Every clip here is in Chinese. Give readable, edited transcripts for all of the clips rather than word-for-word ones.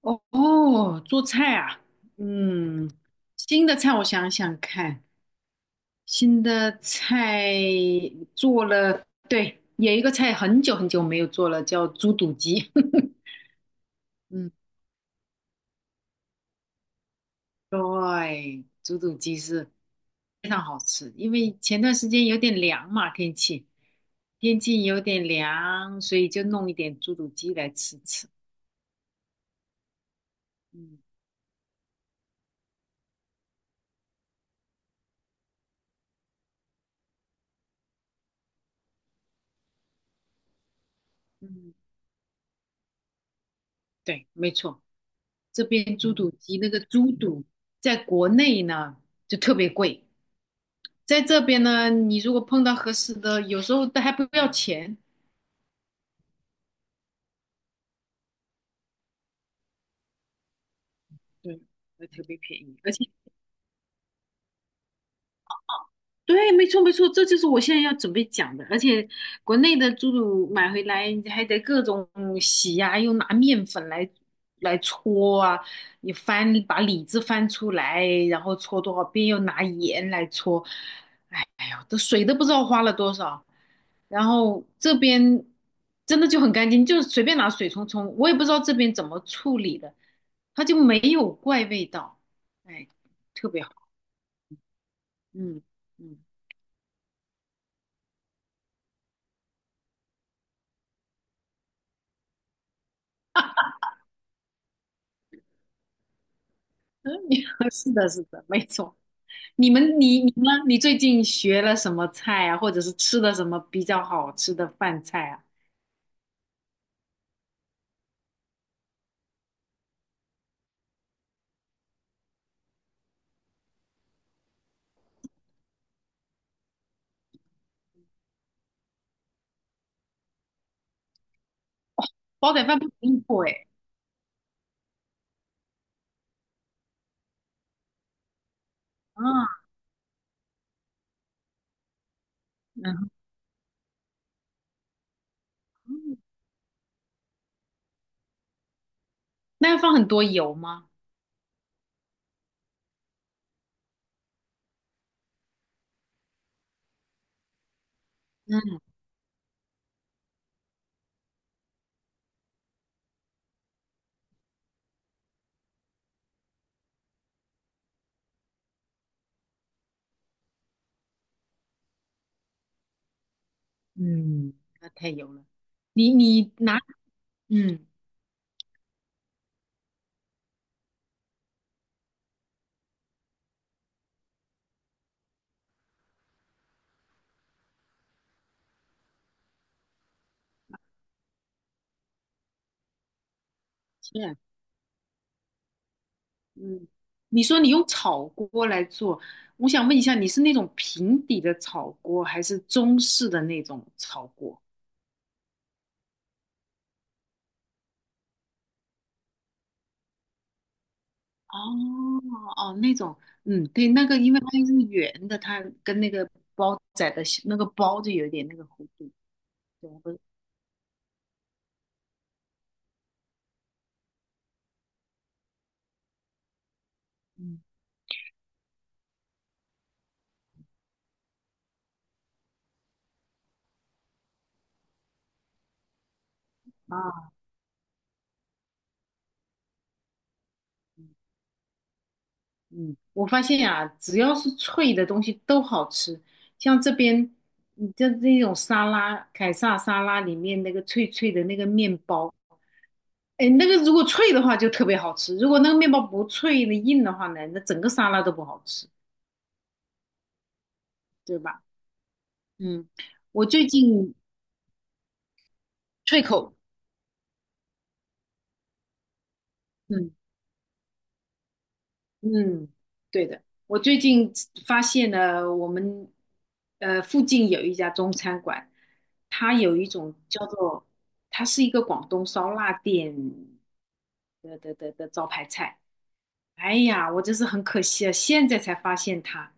哦哦做菜啊，嗯，新的菜我想想看，新的菜做了，对，有一个菜很久很久没有做了，叫猪肚鸡。嗯，对，猪肚鸡是非常好吃，因为前段时间有点凉嘛，天气有点凉，所以就弄一点猪肚鸡来吃吃。嗯嗯，对，没错。这边猪肚鸡那个猪肚在国内呢就特别贵，在这边呢，你如果碰到合适的，有时候都还不要钱，对，还特别便宜，而且对，没错没错，这就是我现在要准备讲的。而且国内的猪肚买回来，你还得各种洗呀、又拿面粉来搓啊，你翻把里子翻出来，然后搓多少遍，又拿盐来搓。哎哎呦，这水都不知道花了多少。然后这边真的就很干净，就随便拿水冲冲，我也不知道这边怎么处理的，它就没有怪味道，哎，特别好。嗯嗯。嗯，是的，是的，没错。你们，你呢？你最近学了什么菜啊？或者是吃的什么比较好吃的饭菜啊？煲仔饭不容易做哎。啊，嗯，那要放很多油吗？嗯嗯，那太油了。你拿，嗯，是，嗯，你说你用炒锅来做，我想问一下，你是那种平底的炒锅，还是中式的那种炒锅？哦哦，那种，嗯，对，那个，因为它是圆的，它跟那个包仔的那个包就有点那个弧度，对，不是，嗯啊，嗯，我发现呀、只要是脆的东西都好吃，像这边，你像这种沙拉，凯撒沙拉里面那个脆脆的那个面包，哎，那个如果脆的话就特别好吃，如果那个面包不脆的硬的话呢，那整个沙拉都不好吃，对吧？嗯，我最近脆口。嗯。嗯，对的，我最近发现了我们附近有一家中餐馆，它有一种叫做，它是一个广东烧腊店的招牌菜。哎呀，我真是很可惜啊，现在才发现它，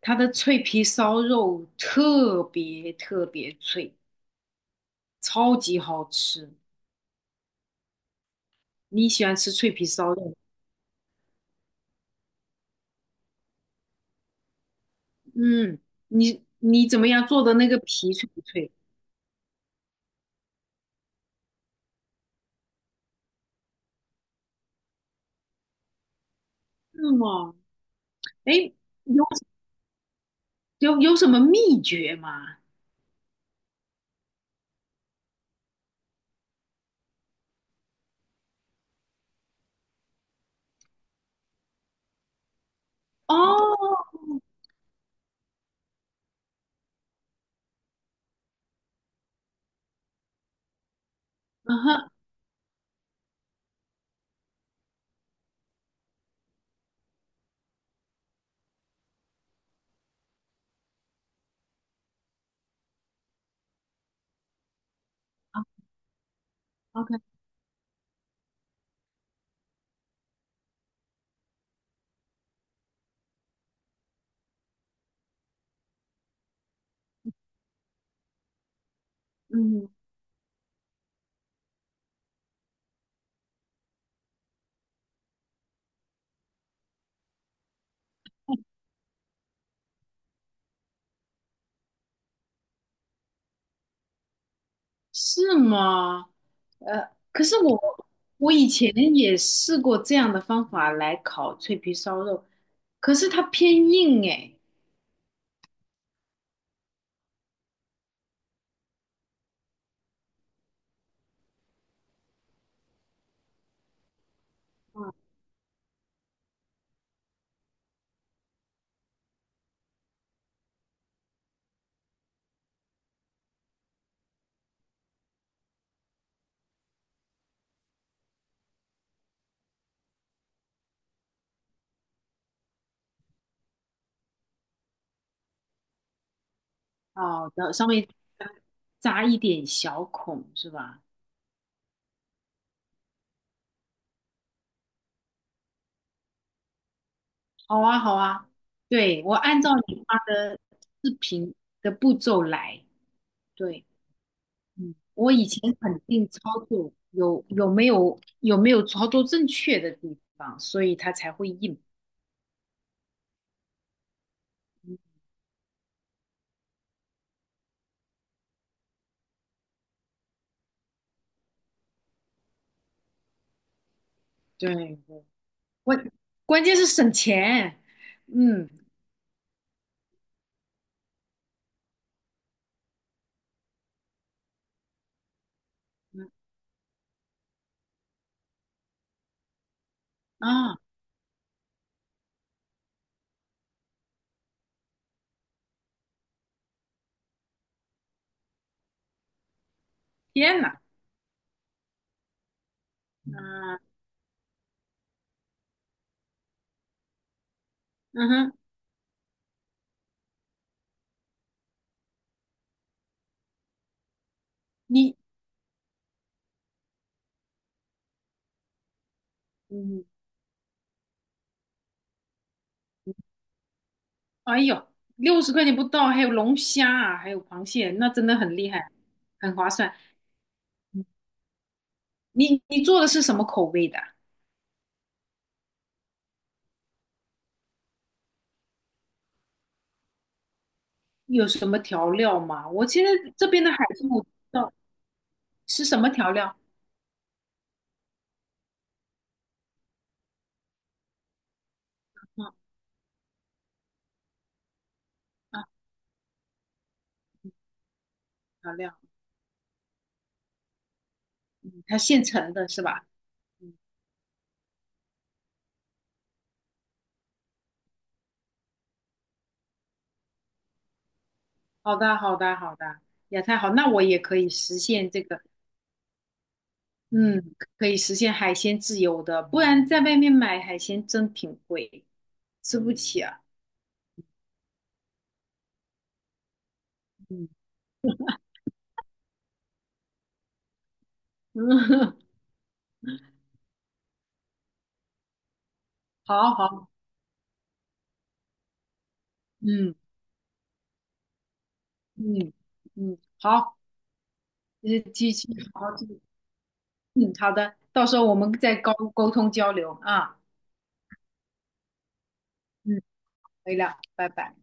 它的脆皮烧肉特别特别脆，超级好吃。你喜欢吃脆皮烧肉？嗯，你你怎么样做的那个皮脆不脆？是吗？哎，有有什么秘诀吗？哦，嗯哼，啊，OK，嗯，是吗？呃，可是我我以前也试过这样的方法来烤脆皮烧肉，可是它偏硬哎。嗯，好的，上面扎一点小孔是吧？好啊，好啊，对，我按照你发的视频的步骤来，对。嗯，我以前肯定操作有没有操作正确的地方，所以它才会硬。对对，关关键是省钱。嗯嗯啊，天呐，啊嗯哼，你嗯，哎呦，60块钱不到，还有龙虾啊，还有螃蟹，那真的很厉害，很划算。嗯你做的是什么口味的？有什么调料吗？我现在这边的海鲜我不知道是什么调料。嗯漂料，嗯它现成的是吧？嗯，好的，好的，好的，也太好，那我也可以实现这个，嗯，可以实现海鲜自由的，不然在外面买海鲜真挺贵，吃不起啊。嗯嗯，好好，嗯嗯嗯，好，继续好好继续。嗯，好的，到时候我们再沟通交流啊，嗯，可以了，拜拜。